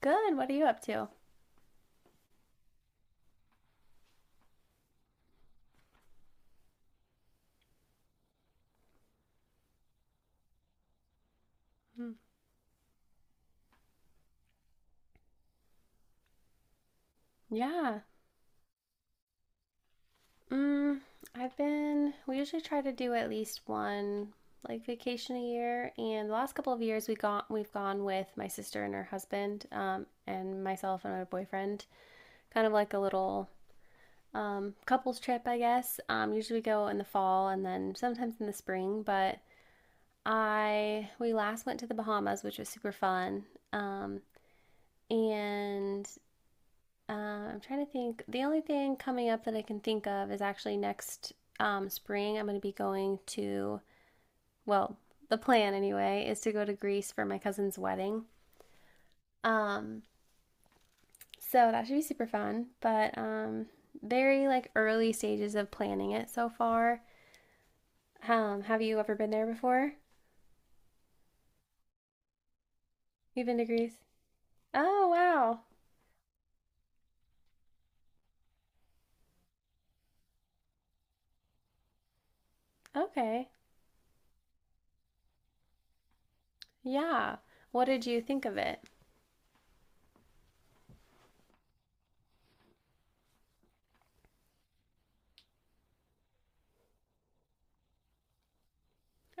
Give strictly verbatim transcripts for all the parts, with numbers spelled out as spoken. Good. What are you up to? Hmm. Yeah. Mm, I've been, we usually try to do at least one like vacation a year. And the last couple of years we got, we've gone with my sister and her husband, um, and myself and my boyfriend, kind of like a little um, couples trip, I guess. Um, usually we go in the fall and then sometimes in the spring, but I, we last went to the Bahamas, which was super fun. Um, and Uh, I'm trying to think. The only thing coming up that I can think of is actually next um, spring. I'm going to be going to, well, the plan anyway, is to go to Greece for my cousin's wedding. Um, so that should be super fun, but um, very like early stages of planning it so far. Um, have you ever been there before? You've been to Greece? Oh, wow. Okay. Yeah. What did you think of it?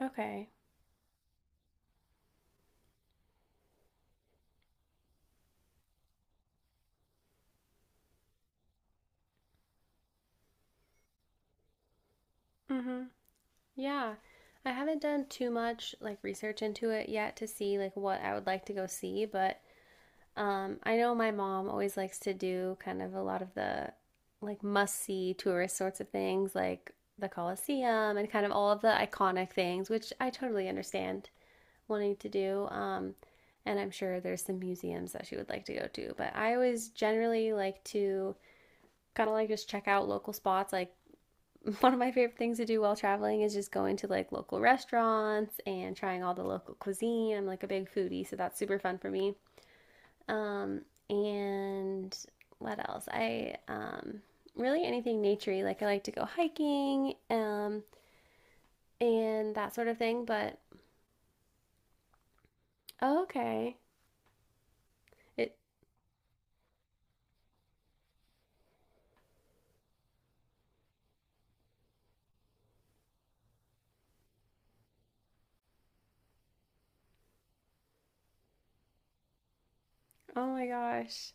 Okay. Mm-hmm. Yeah. I haven't done too much like research into it yet to see like what I would like to go see, but um I know my mom always likes to do kind of a lot of the like must-see tourist sorts of things like the Colosseum and kind of all of the iconic things, which I totally understand wanting to do. Um and I'm sure there's some museums that she would like to go to, but I always generally like to kind of like just check out local spots like one of my favorite things to do while traveling is just going to like local restaurants and trying all the local cuisine. I'm like a big foodie, so that's super fun for me. Um, and what else? I um, really anything naturey. Like I like to go hiking um, and that sort of thing. But oh, okay, it. Oh my gosh,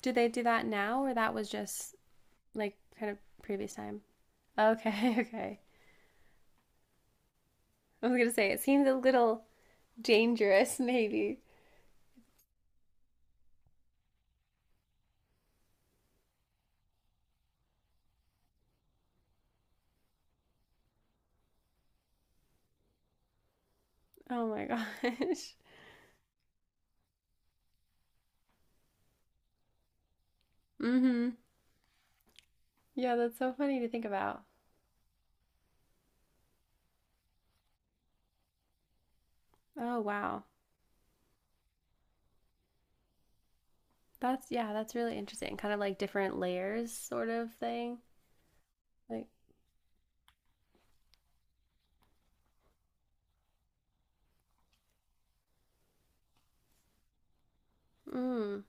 do they do that now or that was just like kind of previous time? Okay, okay. I was gonna say it seems a little dangerous, maybe. Oh my gosh. Mm-hmm. Yeah, that's so funny to think about. Oh wow. That's yeah, that's really interesting. Kind of like different layers sort of thing. Like, mm,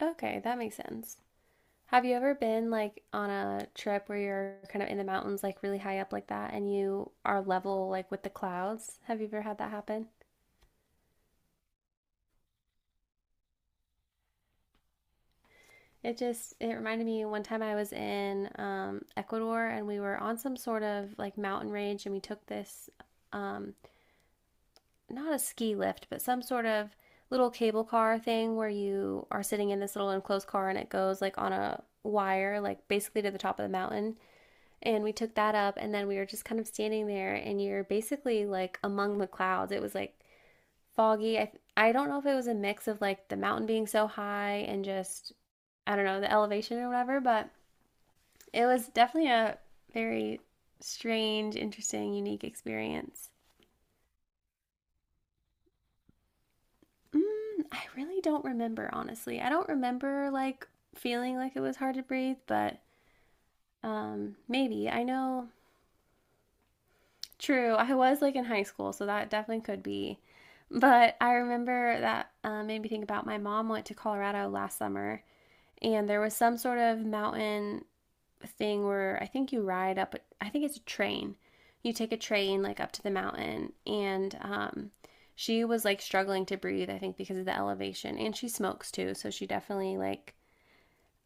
okay, that makes sense. Have you ever been like on a trip where you're kind of in the mountains, like really high up like that, and you are level like with the clouds? Have you ever had that happen? It just it reminded me one time I was in um, Ecuador and we were on some sort of like mountain range and we took this um, not a ski lift, but some sort of little cable car thing where you are sitting in this little enclosed car and it goes like on a wire, like basically to the top of the mountain. And we took that up and then we were just kind of standing there and you're basically like among the clouds. It was like foggy. I, I don't know if it was a mix of like the mountain being so high and just, I don't know, the elevation or whatever, but it was definitely a very strange, interesting, unique experience. Mm, I really don't remember, honestly. I don't remember like feeling like it was hard to breathe, but um, maybe. I know, true, I was like in high school, so that definitely could be. But I remember that uh, made me think about my mom went to Colorado last summer, and there was some sort of mountain thing where I think you ride up, I think it's a train. You take a train like up to the mountain, and um, she was like struggling to breathe, I think, because of the elevation. And she smokes too, so she definitely like,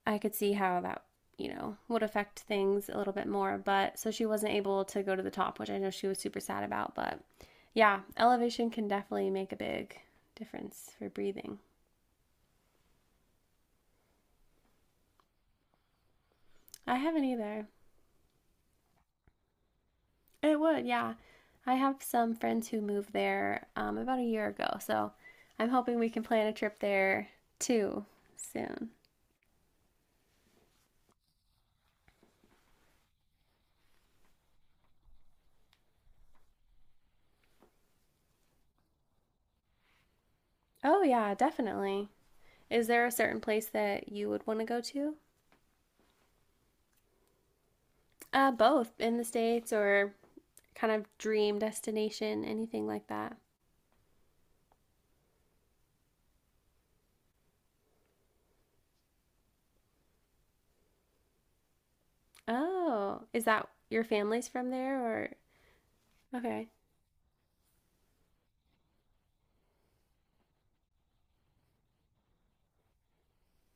I could see how that, you know, would affect things a little bit more. But so she wasn't able to go to the top, which I know she was super sad about. But yeah, elevation can definitely make a big difference for breathing. I haven't either. It would, yeah. I have some friends who moved there um, about a year ago, so I'm hoping we can plan a trip there too soon. Oh, yeah, definitely. Is there a certain place that you would want to go to? Uh, both in the States or kind of dream destination, anything like that. Oh, is that your family's from there or? Okay.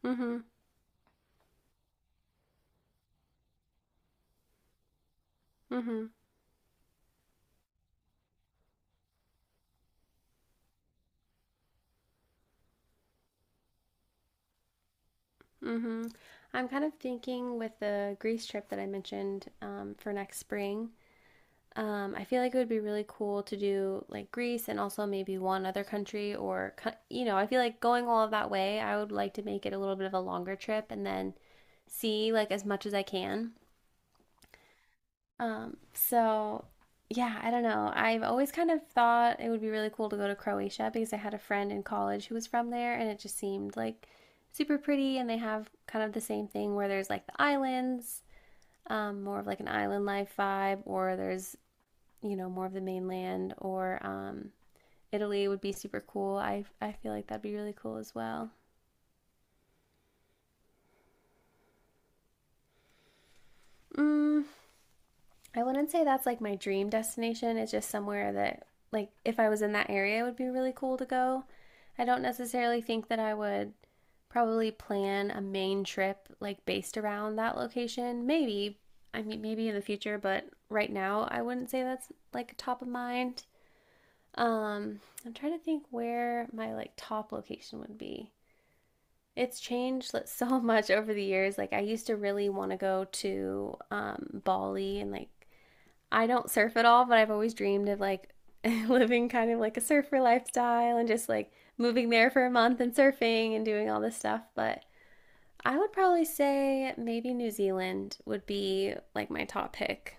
Mm-hmm. Mm-hmm. Mm-hmm. I'm kind of thinking with the Greece trip that I mentioned um, for next spring. Um, I feel like it would be really cool to do like Greece and also maybe one other country or, you know, I feel like going all of that way, I would like to make it a little bit of a longer trip and then see like as much as I can. Um, so yeah, I don't know. I've always kind of thought it would be really cool to go to Croatia because I had a friend in college who was from there and it just seemed like super pretty and they have kind of the same thing where there's like the islands, um, more of like an island life vibe, or there's you know, more of the mainland or um, Italy would be super cool. I, I feel like that'd be really cool as well. Mm, I wouldn't say that's like my dream destination. It's just somewhere that, like, if I was in that area, it would be really cool to go. I don't necessarily think that I would probably plan a main trip like based around that location. Maybe, I mean, maybe in the future, but right now, I wouldn't say that's like top of mind. Um, I'm trying to think where my like top location would be. It's changed like, so much over the years. Like I used to really want to go to um, Bali, and like I don't surf at all, but I've always dreamed of like living kind of like a surfer lifestyle and just like moving there for a month and surfing and doing all this stuff. But I would probably say maybe New Zealand would be like my top pick.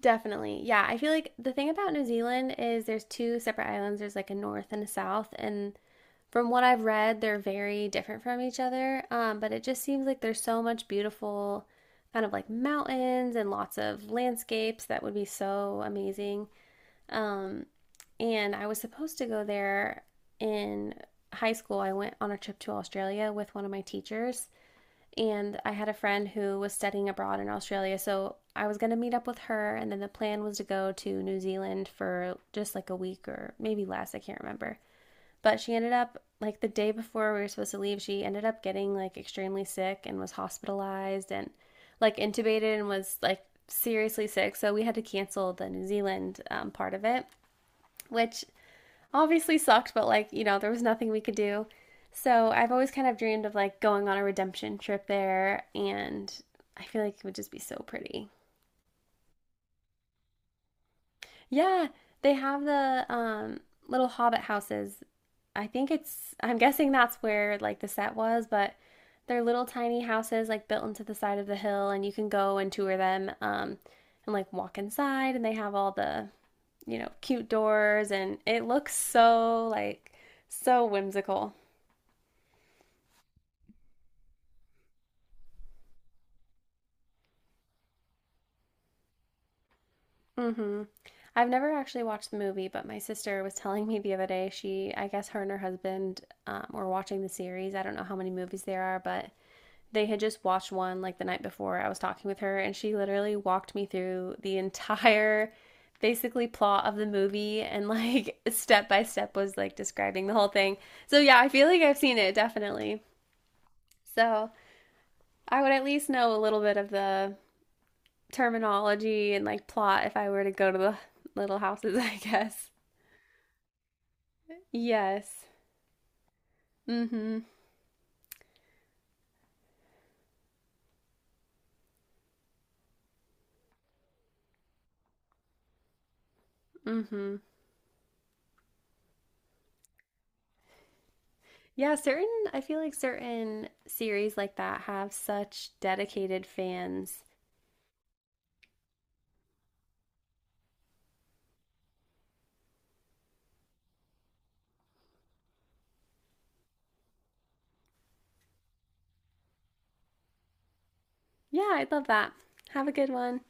Definitely. Yeah, I feel like the thing about New Zealand is there's two separate islands. There's like a north and a south, and from what I've read, they're very different from each other. Um, but it just seems like there's so much beautiful, kind of like mountains and lots of landscapes that would be so amazing. Um, and I was supposed to go there in high school. I went on a trip to Australia with one of my teachers, and I had a friend who was studying abroad in Australia. So I was going to meet up with her, and then the plan was to go to New Zealand for just like a week or maybe less. I can't remember. But she ended up like the day before we were supposed to leave, she ended up getting like extremely sick and was hospitalized and like intubated and was like seriously sick. So we had to cancel the New Zealand um, part of it, which obviously sucked, but like, you know, there was nothing we could do. So I've always kind of dreamed of like going on a redemption trip there and I feel like it would just be so pretty. Yeah, they have the um, little hobbit houses I think it's, I'm guessing that's where like the set was, but they're little tiny houses like built into the side of the hill, and you can go and tour them um, and like walk inside, and they have all the, you know, cute doors, and it looks so like so whimsical. Hmm I've never actually watched the movie, but my sister was telling me the other day, she, I guess her and her husband um, were watching the series. I don't know how many movies there are, but they had just watched one like the night before. I was talking with her, and she literally walked me through the entire basically plot of the movie and like step by step was like describing the whole thing. So yeah, I feel like I've seen it definitely. So I would at least know a little bit of the terminology and like plot if I were to go to the little houses, I guess. Yes. Mm-hmm. Mm-hmm. Yeah, certain I feel like certain series like that have such dedicated fans. Yeah, I'd love that. Have a good one.